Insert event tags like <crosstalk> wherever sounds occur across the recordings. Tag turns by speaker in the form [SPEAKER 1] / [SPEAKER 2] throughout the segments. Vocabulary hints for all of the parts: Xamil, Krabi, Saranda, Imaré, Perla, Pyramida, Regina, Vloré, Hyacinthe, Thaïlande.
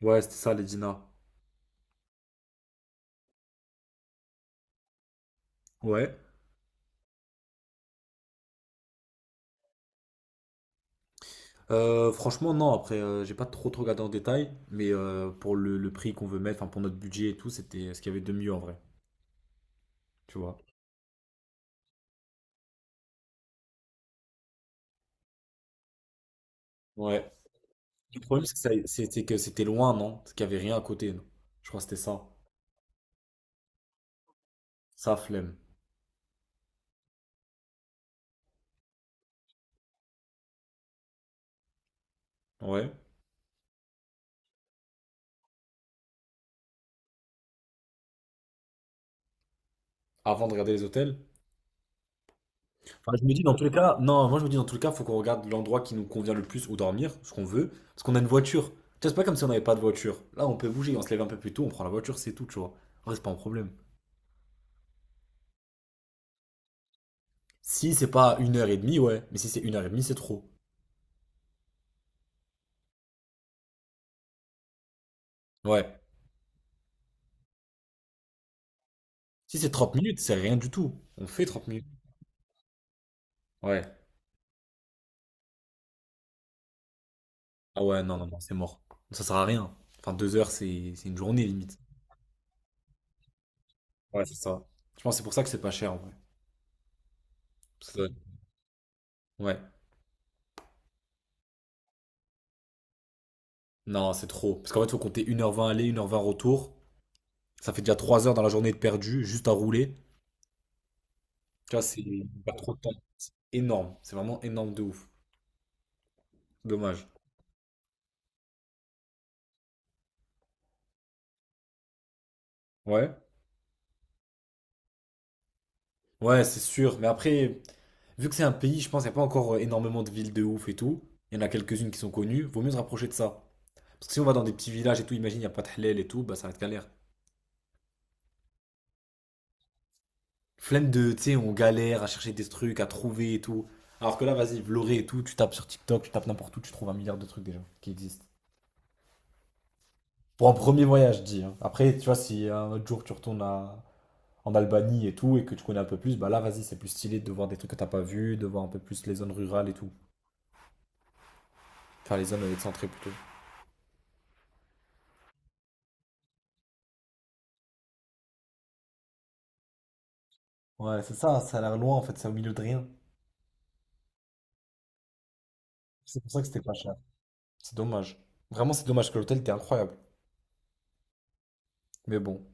[SPEAKER 1] Ouais, c'était ça, les Dina. Ouais. Franchement, non, après, j'ai pas trop regardé en détail, mais pour le prix qu'on veut mettre, enfin, pour notre budget et tout, c'était ce qu'il y avait de mieux en vrai, tu vois. Ouais. Le problème, c'est que c'était que c'était loin, non? Parce qu'il y avait rien à côté, non? Je crois que c'était ça. Ça, flemme. Ouais. Avant de regarder les hôtels. Enfin, je me dis dans tous les cas, non, moi je me dis dans tous les cas, faut qu'on regarde l'endroit qui nous convient le plus où dormir, ce qu'on veut, parce qu'on a une voiture. Tu vois, c'est pas comme si on n'avait pas de voiture. Là, on peut bouger, on se lève un peu plus tôt, on prend la voiture, c'est tout, tu vois. En vrai, c'est pas un problème. Si c'est pas une heure et demie, ouais. Mais si c'est une heure et demie, c'est trop. Ouais. Si c'est 30 minutes, c'est rien du tout. On fait 30 minutes. Ouais. Ah ouais, non, non, non, c'est mort. Ça sert à rien. Enfin, deux heures, c'est une journée limite. Ouais, c'est ça. Je pense que c'est pour ça que c'est pas cher en vrai. Parce que- Ouais. Non, c'est trop. Parce qu'en fait, faut compter une heure vingt aller, une heure vingt retour. Ça fait déjà 3 heures dans la journée de perdu, juste à rouler. Tu vois, c'est pas trop de temps. Énorme. C'est vraiment énorme de ouf. Dommage. Ouais. Ouais, c'est sûr. Mais après, vu que c'est un pays, je pense qu'il n'y a pas encore énormément de villes de ouf et tout. Il y en a quelques-unes qui sont connues. Vaut mieux se rapprocher de ça. Parce que si on va dans des petits villages et tout, imagine, il n'y a pas de halal et tout, bah ça va être galère. Flemme de, tu sais, on galère à chercher des trucs, à trouver et tout. Alors que là, vas-y, Vloré et tout, tu tapes sur TikTok, tu tapes n'importe où, tu trouves un milliard de trucs déjà qui existent. Pour un premier voyage, je dis, hein. Après, tu vois, si un autre jour tu retournes à- en Albanie et tout, et que tu connais un peu plus, bah là, vas-y, c'est plus stylé de voir des trucs que t'as pas vu, de voir un peu plus les zones rurales et tout. Enfin, les zones excentrées plutôt. Ouais, c'est ça, ça a l'air loin en fait, c'est au milieu de rien. C'est pour ça que c'était pas cher. C'est dommage. Vraiment, c'est dommage que l'hôtel était incroyable. Mais bon.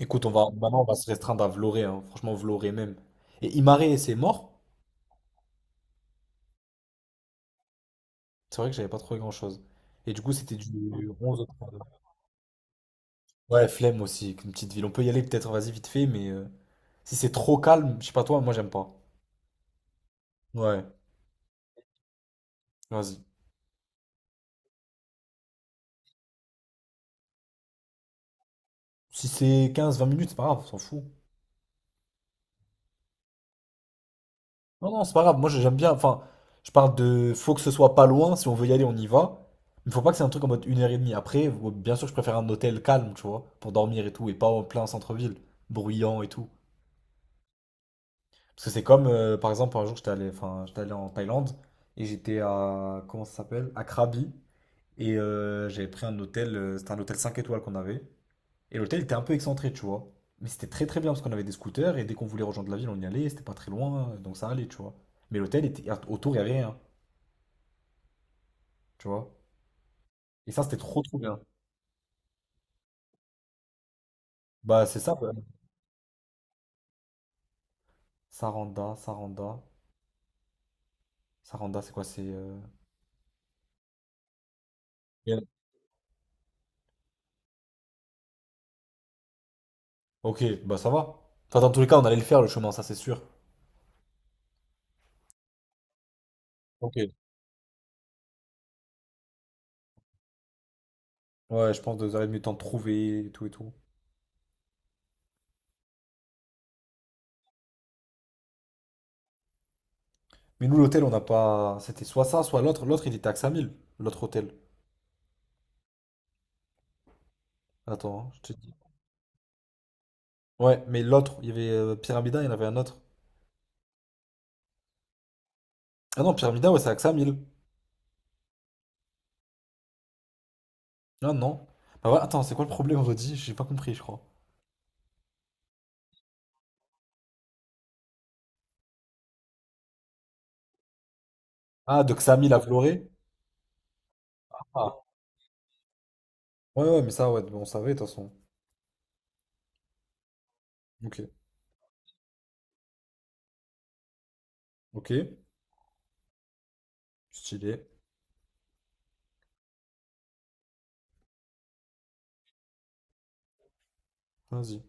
[SPEAKER 1] Écoute, on va maintenant on va se restreindre à Vloré, hein. Franchement, Vloré même. Et Imaré, c'est mort. C'est vrai que j'avais pas trouvé grand-chose. Et du coup, c'était du 11 au 32. Ouais, flemme aussi, une petite ville. On peut y aller peut-être, vas-y, vite fait, mais si c'est trop calme, je sais pas toi, moi j'aime pas. Ouais, vas-y. Si c'est quinze vingt minutes, c'est pas grave, on s'en fout. Non, non, c'est pas grave. Moi, j'aime bien. Enfin, je parle de. Faut que ce soit pas loin. Si on veut y aller, on y va. Il faut pas que c'est un truc en mode une heure et demie. Après, ou- bien sûr, je préfère un hôtel calme, tu vois, pour dormir et tout, et pas en plein centre-ville, bruyant et tout. Parce que c'est comme, par exemple, un jour, j'étais allé, enfin, j'étais allé en Thaïlande et j'étais à. Comment ça s'appelle? À Krabi. Et j'avais pris un hôtel. C'était un hôtel 5 étoiles qu'on avait. Et l'hôtel était un peu excentré, tu vois. Mais c'était très très bien parce qu'on avait des scooters et dès qu'on voulait rejoindre la ville, on y allait. C'était pas très loin, donc ça allait, tu vois. Mais l'hôtel était autour, il y avait rien. Tu vois? Et ça, c'était trop trop bien. Bah, c'est ça, bah. Saranda, Saranda. Saranda, c'est quoi? C'est. Bien. Ok, bah ça va. Enfin, dans tous les cas, on allait le faire le chemin, ça c'est sûr. Ok. Ouais, je pense deux heures et demie de temps de trouver et tout et tout. Mais nous, l'hôtel, on n'a pas. C'était soit ça, soit l'autre. L'autre, il était à 5 000, l'autre hôtel. Attends, hein, je te dis. Ouais, mais l'autre, il y avait Pyramida, il y en avait un autre. Ah non, Pyramida, ouais, c'est à 5 000. Ah non. Bah voilà, attends, c'est quoi le problème, redit? J'ai pas compris, je crois. Ah, de Xamil à Vloré? Ah, ouais, ouais, mais ça, ouais, on savait, de toute façon. Ok. Ok, stylé. Vas-y,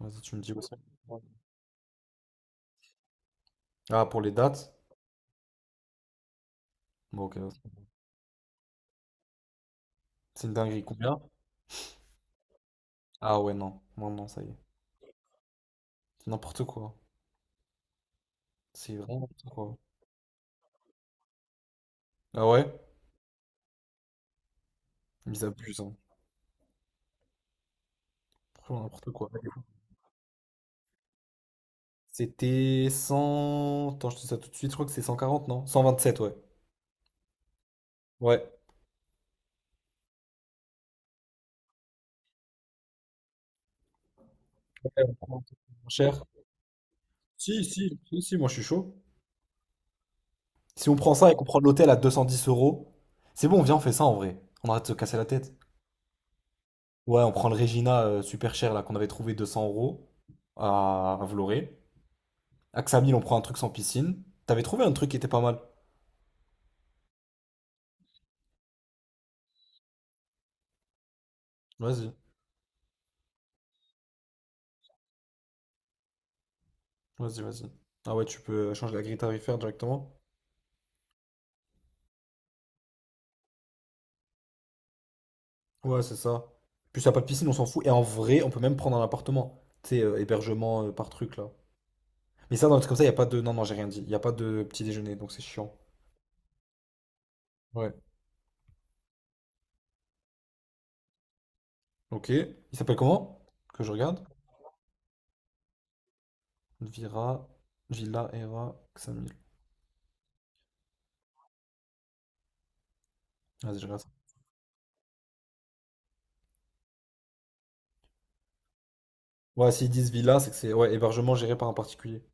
[SPEAKER 1] vas-y, tu me dis aussi. Ah, pour les dates? Bon, ok, vas-y. C'est une dinguerie. Combien? Ah ouais, non. Non, non, ça y est. C'est n'importe quoi. C'est vraiment n'importe quoi. Ah ouais? Ils abusent, hein. Franchement, n'importe quoi. C'était cent. Attends, je te dis ça tout de suite. Je crois que c'est 140 non? 127, ouais. Ouais. Ouais, on prend un truc moins cher. Si, si, si, si, moi je suis chaud. Si on prend ça et qu'on prend l'hôtel à 210 euros, c'est bon, viens, on fait ça en vrai. On arrête de se casser la tête. Ouais, on prend le Regina super cher là qu'on avait trouvé 200 € à Vloré. Axamil, on prend un truc sans piscine. T'avais trouvé un truc qui était pas mal. Vas-y, vas-y, vas-y. Ah ouais, tu peux changer la grille tarifaire directement. Ouais, c'est ça. Puis ça a pas de piscine, on s'en fout. Et en vrai, on peut même prendre un appartement. Tu sais, hébergement par truc là. Mais ça, dans le truc comme ça, y a pas de. Non, non, j'ai rien dit. Y a pas de petit déjeuner, donc c'est chiant. Ouais. Ok. Il s'appelle comment? Que je regarde. Vira, Villa, Era, Xamil. Vas-y, je regarde ça. Ouais, s'ils disent villa, c'est que c'est ouais, hébergement géré par un particulier.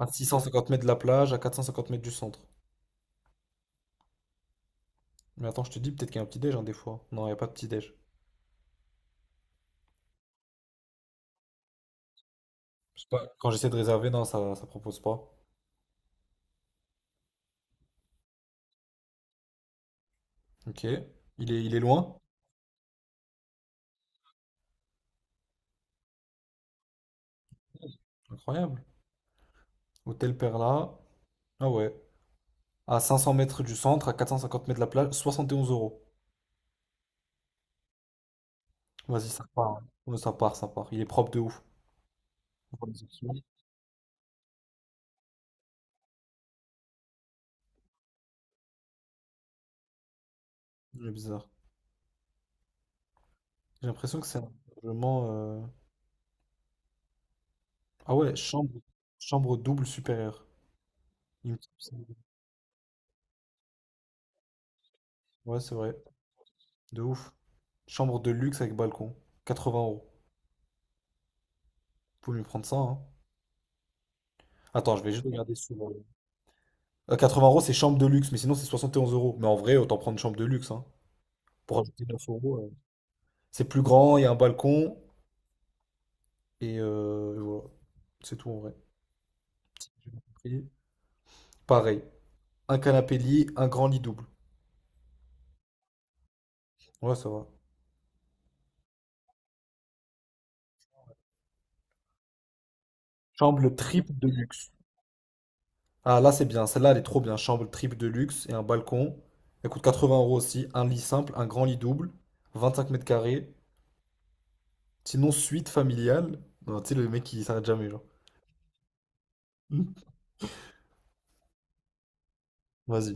[SPEAKER 1] À 650 mètres de la plage, à 450 mètres du centre. Mais attends, je te dis, peut-être qu'il y a un petit-déj, hein, des fois. Non, il n'y a pas de petit-déj. Je sais pas, quand j'essaie de réserver, non, ça propose pas. Ok. Il est loin? Incroyable. Hôtel Perla. Ah ouais. À 500 mètres du centre, à 450 mètres de la plage, 71 euros. Vas-y, ça part, hein. Ouais, ça part, ça part. Il est propre de ouf. On voit les options. Il est bizarre. J'ai l'impression que c'est un hébergement. Ah ouais, chambre, double supérieure. Il me semble. Ouais, c'est vrai. De ouf. Chambre de luxe avec balcon. 80 euros. Faut mieux prendre ça, hein. Attends, je vais juste regarder souvent. 80 euros, c'est chambre de luxe, mais sinon c'est 71 euros. Mais en vrai, autant prendre une chambre de luxe, hein. Pour ajouter 9 euros. C'est plus grand, il y a un balcon. Et voilà. C'est tout en vrai. J'ai bien compris. Pareil. Un canapé lit, un grand lit double. Ouais, ça va. Chambre triple de luxe. Ah là, c'est bien. Celle-là, elle est trop bien. Chambre triple de luxe et un balcon. Elle coûte 80 € aussi. Un lit simple, un grand lit double. 25 m². Sinon, suite familiale. Non, tu sais, le mec qui s'arrête jamais, genre. <laughs> Vas-y.